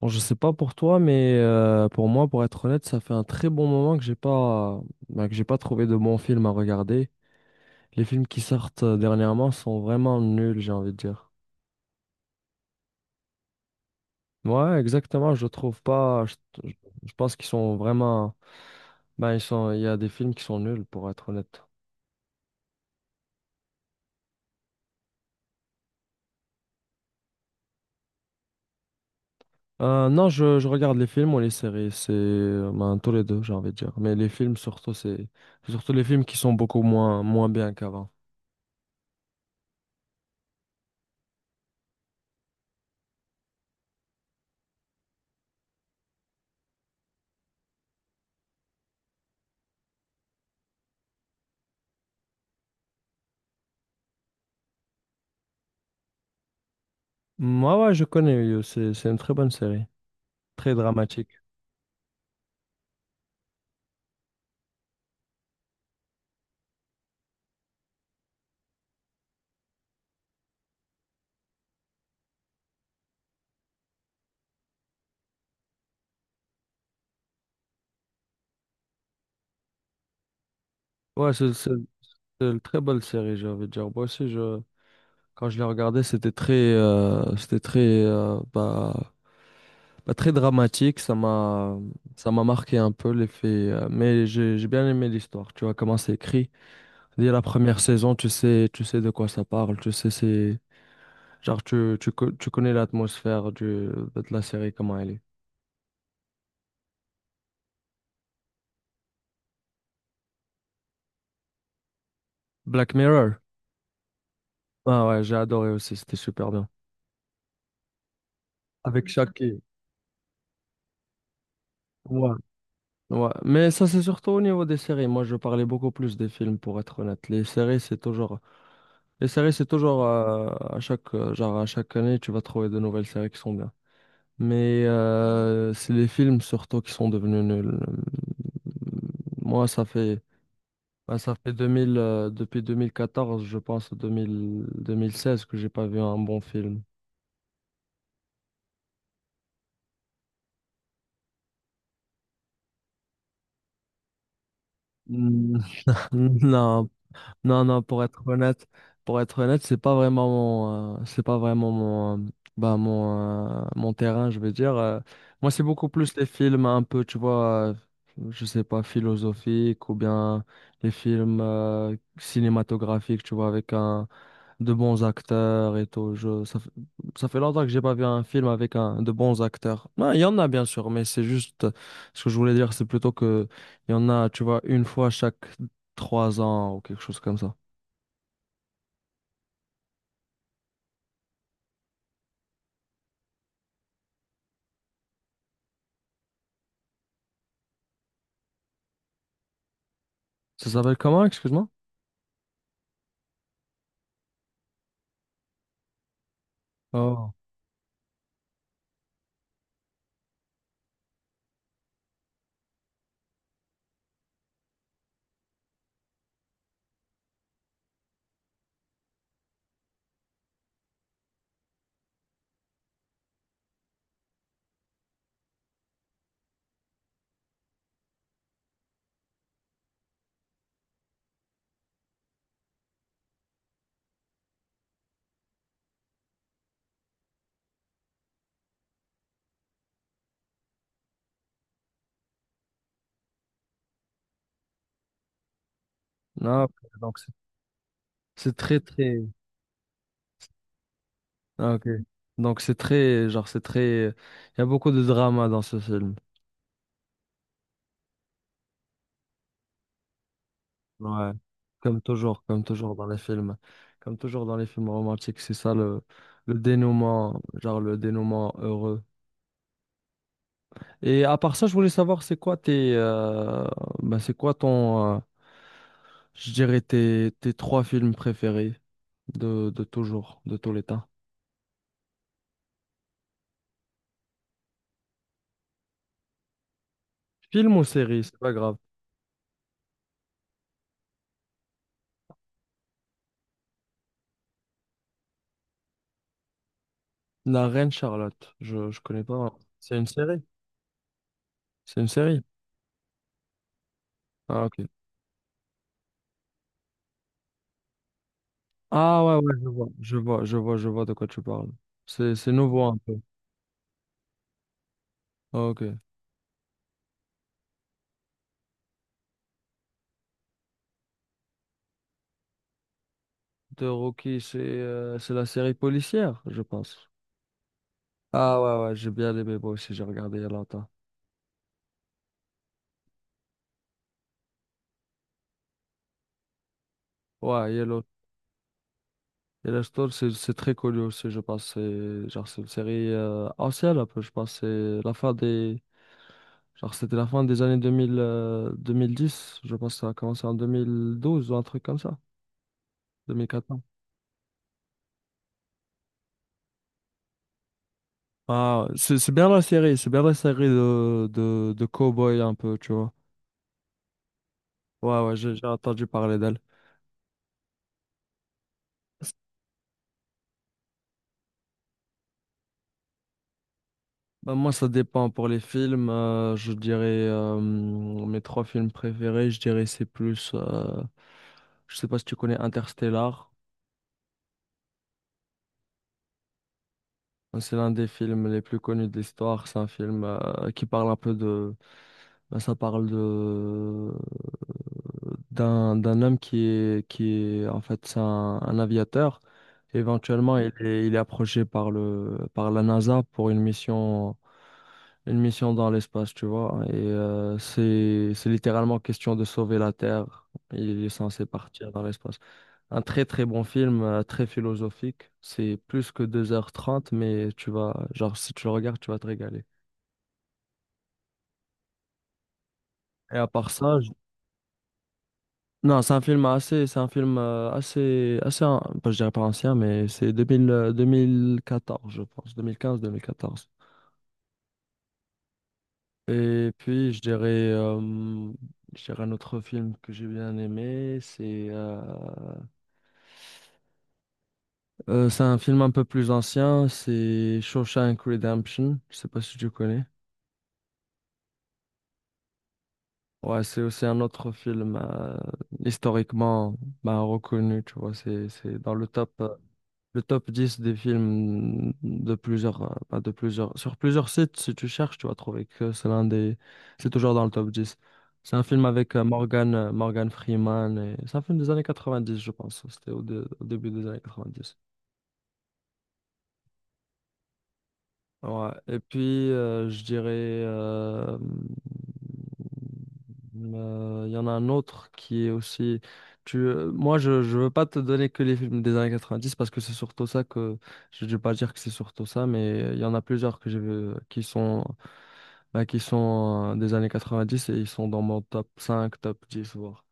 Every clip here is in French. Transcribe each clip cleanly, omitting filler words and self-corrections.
Bon, je sais pas pour toi, mais pour moi, pour être honnête, ça fait un très bon moment que j'ai pas, bah, que j'ai pas trouvé de bons films à regarder. Les films qui sortent dernièrement sont vraiment nuls, j'ai envie de dire. Ouais, exactement, je trouve pas. Je- je pense qu'ils sont vraiment. Ben, ils sont, il y a des films qui sont nuls, pour être honnête. Non, je regarde les films ou les séries, c'est ben, tous les deux, j'ai envie de dire. Mais les films, surtout, c'est surtout les films qui sont beaucoup moins, moins bien qu'avant. Mm, ouais, ouais, je connais You, c'est une très bonne série. Très dramatique. Ouais, c'est c'est- c'est une très belle série, j'ai envie de dire. Moi aussi, quand je l'ai regardée, c'était très, euh, bah, très dramatique. Ça m'a marqué un peu l'effet. Mais j'ai bien aimé l'histoire. Tu vois comment c'est écrit. Dès la première saison, tu sais de quoi ça parle. Tu sais, c'est genre tu connais l'atmosphère du, de la série, comment elle est. Black Mirror. Ah ouais, j'ai adoré aussi. C'était super bien. Avec Shaq. Ouais, ouais, mais ça c'est surtout au niveau des séries. Moi, je parlais beaucoup plus des films pour être honnête. Les séries, c'est toujours à chaque genre à chaque année, tu vas trouver de nouvelles séries qui sont bien. Mais c'est les films surtout qui sont devenus nuls. Moi, ça fait 2000 depuis 2014, je pense 2000 2016 que j'ai pas vu un bon film. Mm, Non, non, pour être honnête, c'est pas vraiment mon, mon terrain, je veux dire. Moi, c'est beaucoup plus les films un peu, tu vois, je sais pas, philosophiques ou bien les films cinématographiques, tu vois, avec un, de bons acteurs et tout. Ça fait ça fait longtemps que j'ai pas vu un film avec un, de bons acteurs. Ben, il y en a, bien sûr, mais c'est juste, ce que je voulais dire, c'est plutôt que il y en a, tu vois, une fois chaque trois ans ou quelque chose comme ça. Ça s'appelle comment, excuse-moi? Oh, non, ok, donc c'est très, très... Ah, ok. Donc c'est très, genre, c'est très... Il y a beaucoup de drama dans ce film. Ouais. Comme toujours dans les films. Comme toujours dans les films romantiques, c'est ça le dénouement, genre le dénouement heureux. Et à part ça, je voulais savoir, c'est quoi ton... je dirais tes, tes trois films préférés de toujours, de tous les temps. Film ou série, c'est pas grave. La Reine Charlotte. Je connais pas. C'est une série? C'est une série? Ah, ok. Ah, ouais, ouais, je vois. Je vois de quoi tu parles. C'est nouveau un peu. Ah, ok. De Rocky, c'est la série policière, je pense. Ah, ouais, ouais, j'ai bien aimé moi aussi. J'ai regardé il y a longtemps. Ouais, Yellow. Yellowstone, c'est très connu aussi, je pense. C'est genre, c'est une série ancienne un peu, je pense. C'est la fin des. Genre, c'était la fin des années 2000, 2010. Je pense que ça a commencé en 2012 ou un truc comme ça. 2014. Ah, c'est bien la série, c'est bien la série de cow-boy un peu, tu vois. Ouais, ouais, j'ai entendu parler d'elle. Bah, moi, ça dépend. Pour les films, je dirais mes trois films préférés, je dirais c'est plus. Je sais pas si tu connais Interstellar. C'est l'un des films les plus connus de l'histoire. C'est un film qui parle un peu de. Bah, ça parle de d'un d'un homme qui est en fait c'est un aviateur. Éventuellement, il est approché par le par la NASA pour une mission dans l'espace, tu vois. Et c'est littéralement question de sauver la Terre. Il est censé partir dans l'espace. Un très très bon film, très philosophique. C'est plus que deux heures trente, mais tu vas genre si tu le regardes, tu vas te régaler. Et à part ça, je. Non, c'est un film assez, je dirais pas ancien, mais c'est 2000, 2014, je pense, 2015-2014. Et puis, euh, je dirais un autre film que j'ai bien aimé, c'est un film un peu plus ancien, c'est Shawshank Redemption. Je sais pas si tu connais. Ouais, c'est aussi un autre film historiquement bah, reconnu, tu vois, c'est dans le top. Le top 10 des films de plusieurs, pas de plusieurs, sur plusieurs sites, si tu cherches, tu vas trouver que c'est l'un des, c'est toujours dans le top dix. C'est un film avec Morgan Freeman et c'est un film des années quatre-vingt-dix, je pense. Au début des années quatre-vingt-dix. Ouais. Et puis, je dirais, il y en a un autre qui est aussi. Moi, je veux pas te donner que les films des années 90 parce que c'est surtout ça que. Je ne vais pas dire que c'est surtout ça, mais il y en a plusieurs que j'ai vu qui sont, bah, qui sont des années 90 et ils sont dans mon top cinq, top 10 voire.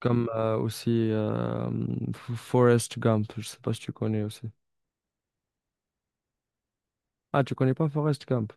Comme Forrest Gump. Je sais pas si tu connais aussi. Ah, tu connais pas Forrest Gump?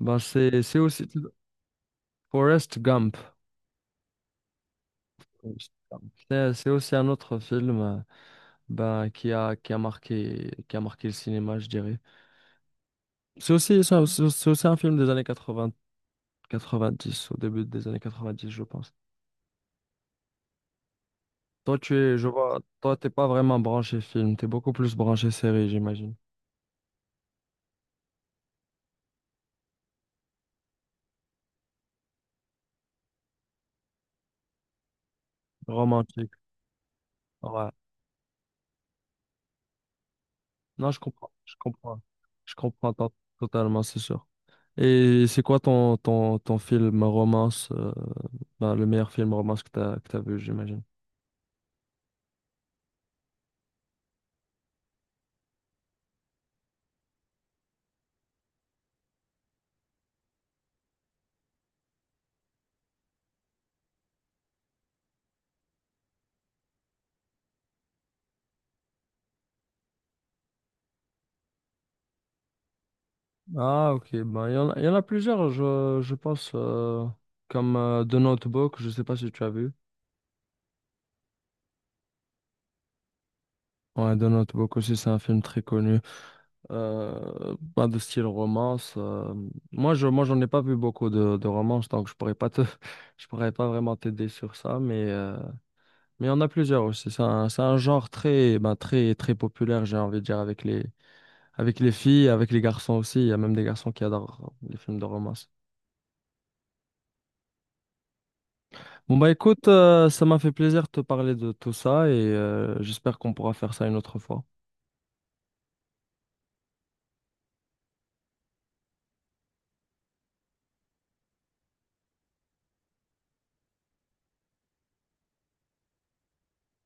Ben, c'est aussi. Forrest Gump. Forrest Gump. C'est aussi un autre film ben, qui a marqué le cinéma, je dirais. C'est aussi un film des années 80, 90, au début des années 90, je pense. Toi, tu es, je vois, toi, t'es pas vraiment branché film, t'es beaucoup plus branché série, j'imagine. Romantique, ouais. Non, je comprends, je comprends. Je comprends to- totalement, c'est sûr. Et c'est quoi ton, ton, ton film romance, ben, le meilleur film romance que que t'as vu, j'imagine? Ah, ok. Ben, il y en a plusieurs, je pense, comme The Notebook, je sais pas si tu as vu. Ouais, The Notebook aussi, c'est un film très connu. Pas de style romance. Moi, moi, j'en ai pas vu beaucoup de romances, donc je pourrais pas te, je pourrais pas vraiment t'aider sur ça, mais il y en a plusieurs aussi. C'est un genre très, ben, très, très populaire, j'ai envie de dire, avec les filles, avec les garçons aussi. Il y a même des garçons qui adorent les films de romance. Bon bah écoute, ça m'a fait plaisir de te parler de tout ça et j'espère qu'on pourra faire ça une autre fois.